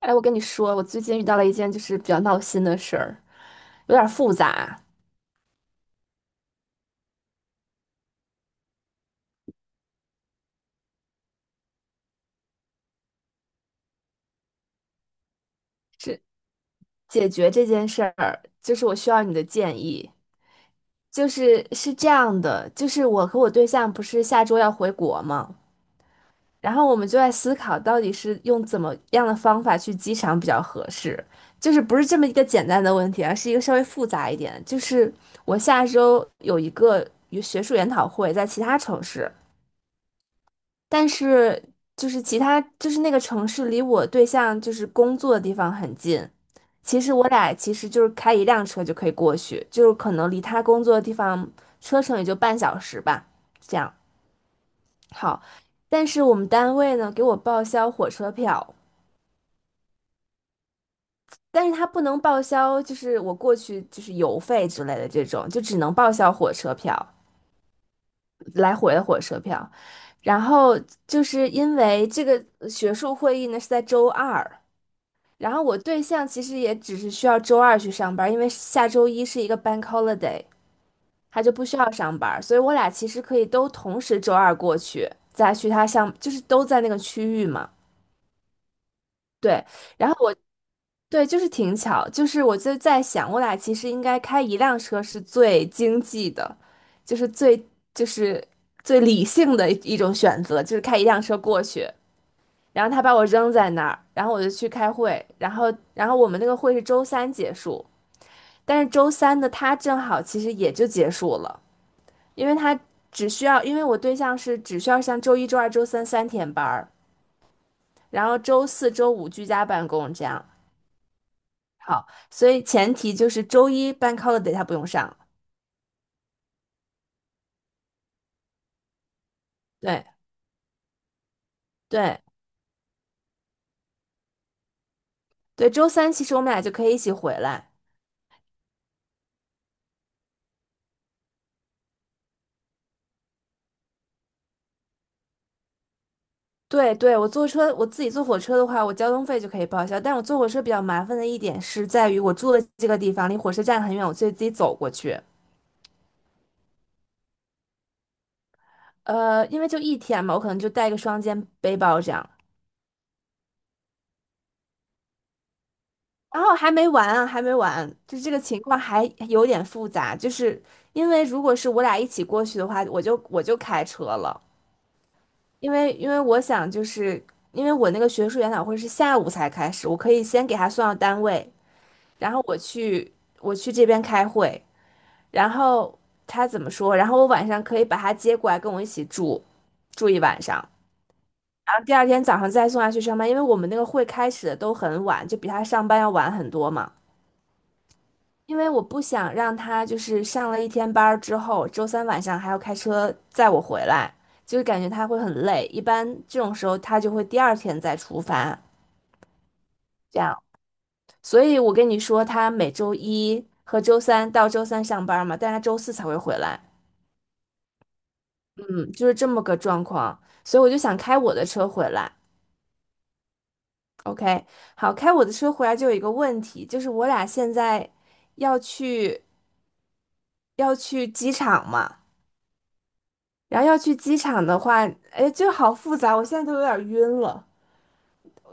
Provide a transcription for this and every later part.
哎，我跟你说，我最近遇到了一件就是比较闹心的事儿，有点儿复杂。解决这件事儿，就是我需要你的建议。就是是这样的，就是我和我对象不是下周要回国吗？然后我们就在思考到底是用怎么样的方法去机场比较合适。就是不是这么一个简单的问题，而是一个稍微复杂一点。就是我下周有一个学术研讨会在其他城市。但是就是其他就是那个城市离我对象就是工作的地方很近，其实我俩其实就是开一辆车就可以过去，就是可能离他工作的地方车程也就半小时吧，这样好。但是我们单位呢给我报销火车票，但是他不能报销就是我过去就是油费之类的这种，就只能报销火车票，来回的火车票。然后就是因为这个学术会议呢是在周二。然后我对象其实也只是需要周二去上班，因为下周一是一个 bank holiday，他就不需要上班，所以我俩其实可以都同时周二过去，再去他上，就是都在那个区域嘛。对，然后我对就是挺巧，就是我就在想，我俩其实应该开一辆车是最经济的，就是最就是最理性的一种选择，就是开一辆车过去。然后他把我扔在那儿，然后我就去开会，然后我们那个会是周三结束。但是周三的他正好其实也就结束了，因为他只需要，因为我对象是只需要上周一、周二、周三三天班儿，然后周四周五居家办公这样。好，所以前提就是周一 bank holiday 他不用上。对对对，周三其实我们俩就可以一起回来。对对，我坐车，我自己坐火车的话，我交通费就可以报销。但我坐火车比较麻烦的一点是在于，我住的这个地方离火车站很远，我所以自己走过去。因为就一天嘛，我可能就带个双肩背包这样。然后还没完啊，还没完，就这个情况还有点复杂，就是因为如果是我俩一起过去的话，我就开车了，因为我想就是因为我那个学术研讨会是下午才开始，我可以先给他送到单位，然后我去这边开会，然后他怎么说，然后我晚上可以把他接过来跟我一起住一晚上，然后第二天早上再送他去上班，因为我们那个会开始的都很晚，就比他上班要晚很多嘛。因为我不想让他就是上了一天班儿之后，周三晚上还要开车载我回来，就是感觉他会很累。一般这种时候他就会第二天再出发，这样。所以我跟你说，他每周一和周三到周三上班嘛，但他周四才会回来，嗯，就是这么个状况。所以我就想开我的车回来。OK，好，开我的车回来就有一个问题，就是我俩现在要去要去机场嘛。然后要去机场的话，哎，就好复杂，我现在都有点晕了。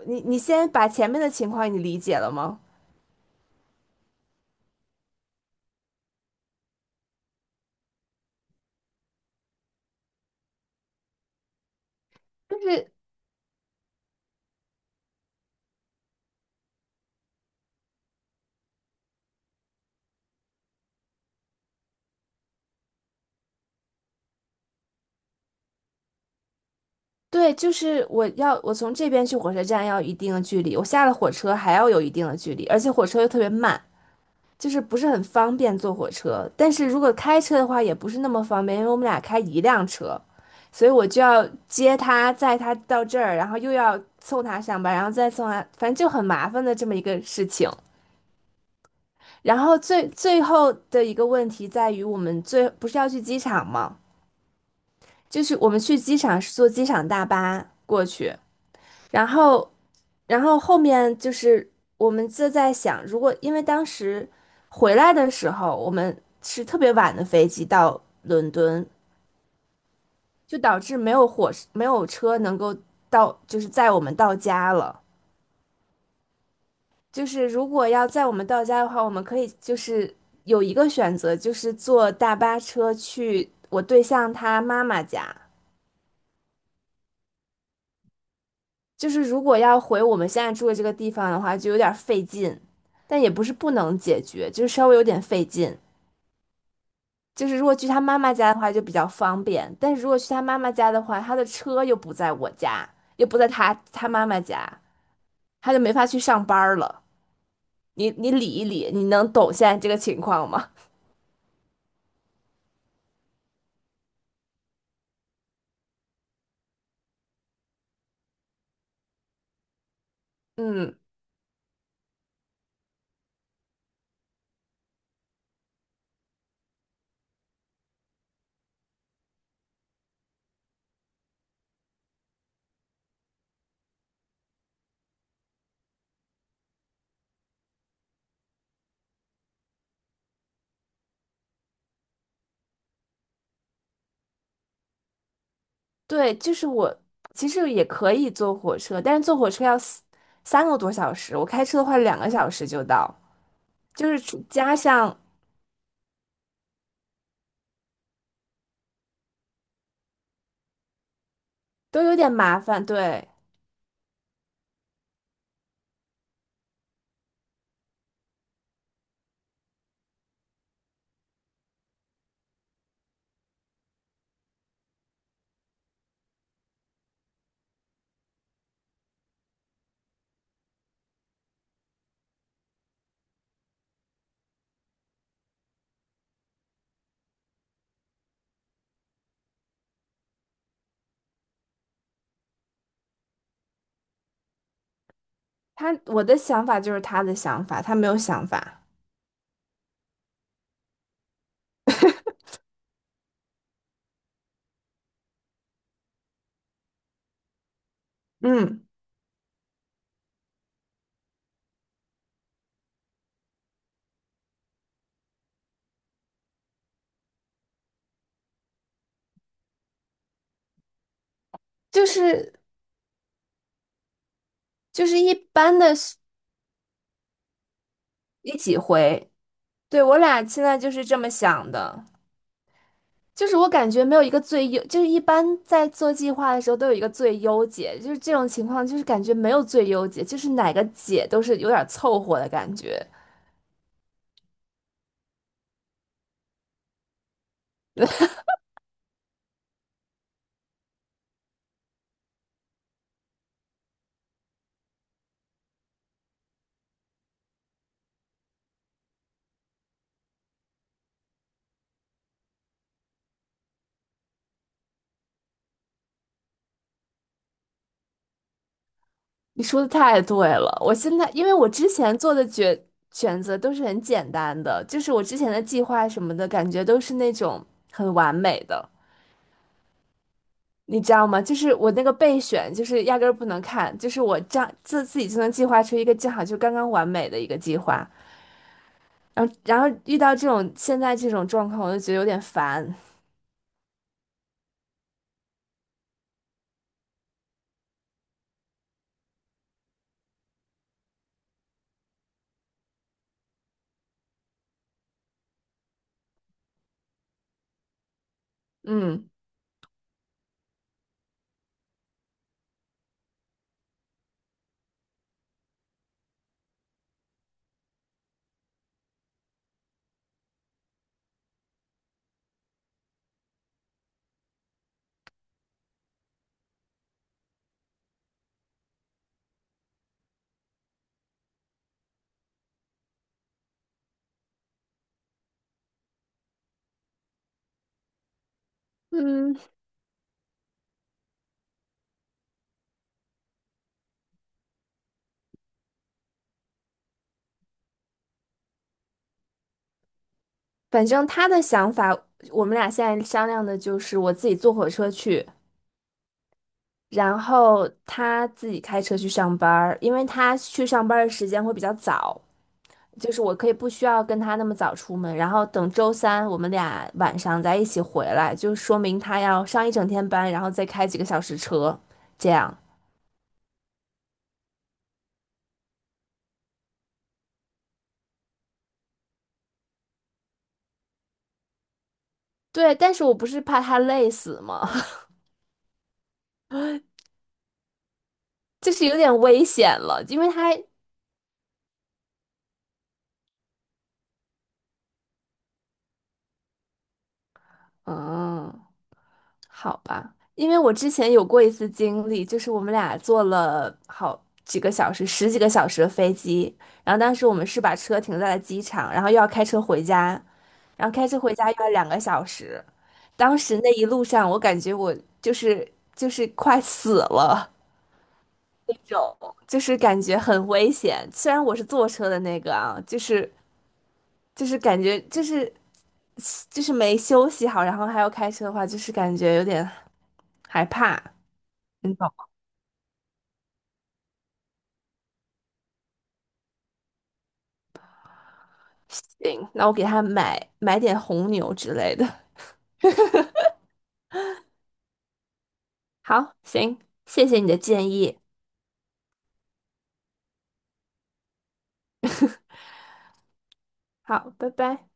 你先把前面的情况你理解了吗？就是对，就是我从这边去火车站要一定的距离，我下了火车还要有一定的距离，而且火车又特别慢，就是不是很方便坐火车。但是如果开车的话也不是那么方便，因为我们俩开一辆车，所以我就要接他，载他到这儿，然后又要送他上班，然后再送他，反正就很麻烦的这么一个事情。然后最后的一个问题在于，我们不是要去机场吗？就是我们去机场是坐机场大巴过去，然后然后后面就是我们就在想，如果因为当时回来的时候我们是特别晚的飞机到伦敦，就导致没有车能够到，就是载我们到家了。就是如果要在我们到家的话，我们可以就是有一个选择，就是坐大巴车去我对象他妈妈家。就是如果要回我们现在住的这个地方的话，就有点费劲，但也不是不能解决，就是稍微有点费劲。就是如果去他妈妈家的话就比较方便，但是如果去他妈妈家的话，他的车又不在我家，又不在他妈妈家，他就没法去上班了。你理一理，你能懂现在这个情况吗？嗯。对，就是我其实也可以坐火车，但是坐火车要3个多小时，我开车的话两个小时就到，就是加上都有点麻烦。对，他，我的想法就是他的想法，他没有想法。嗯，就是就是一般的是一起回。对，我俩现在就是这么想的。就是我感觉没有一个最优，就是一般在做计划的时候都有一个最优解，就是这种情况，就是感觉没有最优解，就是哪个解都是有点凑合的感觉。你说的太对了，我现在因为我之前做的选择都是很简单的，就是我之前的计划什么的感觉都是那种很完美的，你知道吗？就是我那个备选，就是压根儿不能看，就是我这样自己就能计划出一个正好就刚刚完美的一个计划。然后遇到这种现在这种状况，我就觉得有点烦。嗯，嗯，反正他的想法，我们俩现在商量的就是我自己坐火车去，然后他自己开车去上班儿因为他去上班儿的时间会比较早，就是我可以不需要跟他那么早出门，然后等周三我们俩晚上再一起回来，就说明他要上一整天班，然后再开几个小时车，这样。对，但是我不是怕他累死吗？就是有点危险了，因为他，嗯，好吧，因为我之前有过一次经历，就是我们俩坐了好几个小时，十几个小时的飞机，然后当时我们是把车停在了机场，然后又要开车回家，然后开车回家又要两个小时，当时那一路上我感觉我就是快死了。那种，就是感觉很危险。虽然我是坐车的那个啊，就是感觉就是没休息好，然后还要开车的话，就是感觉有点害怕。你懂？吗？行，那我给他买买点红牛之类的。好，行，谢谢你的建议。好，拜拜。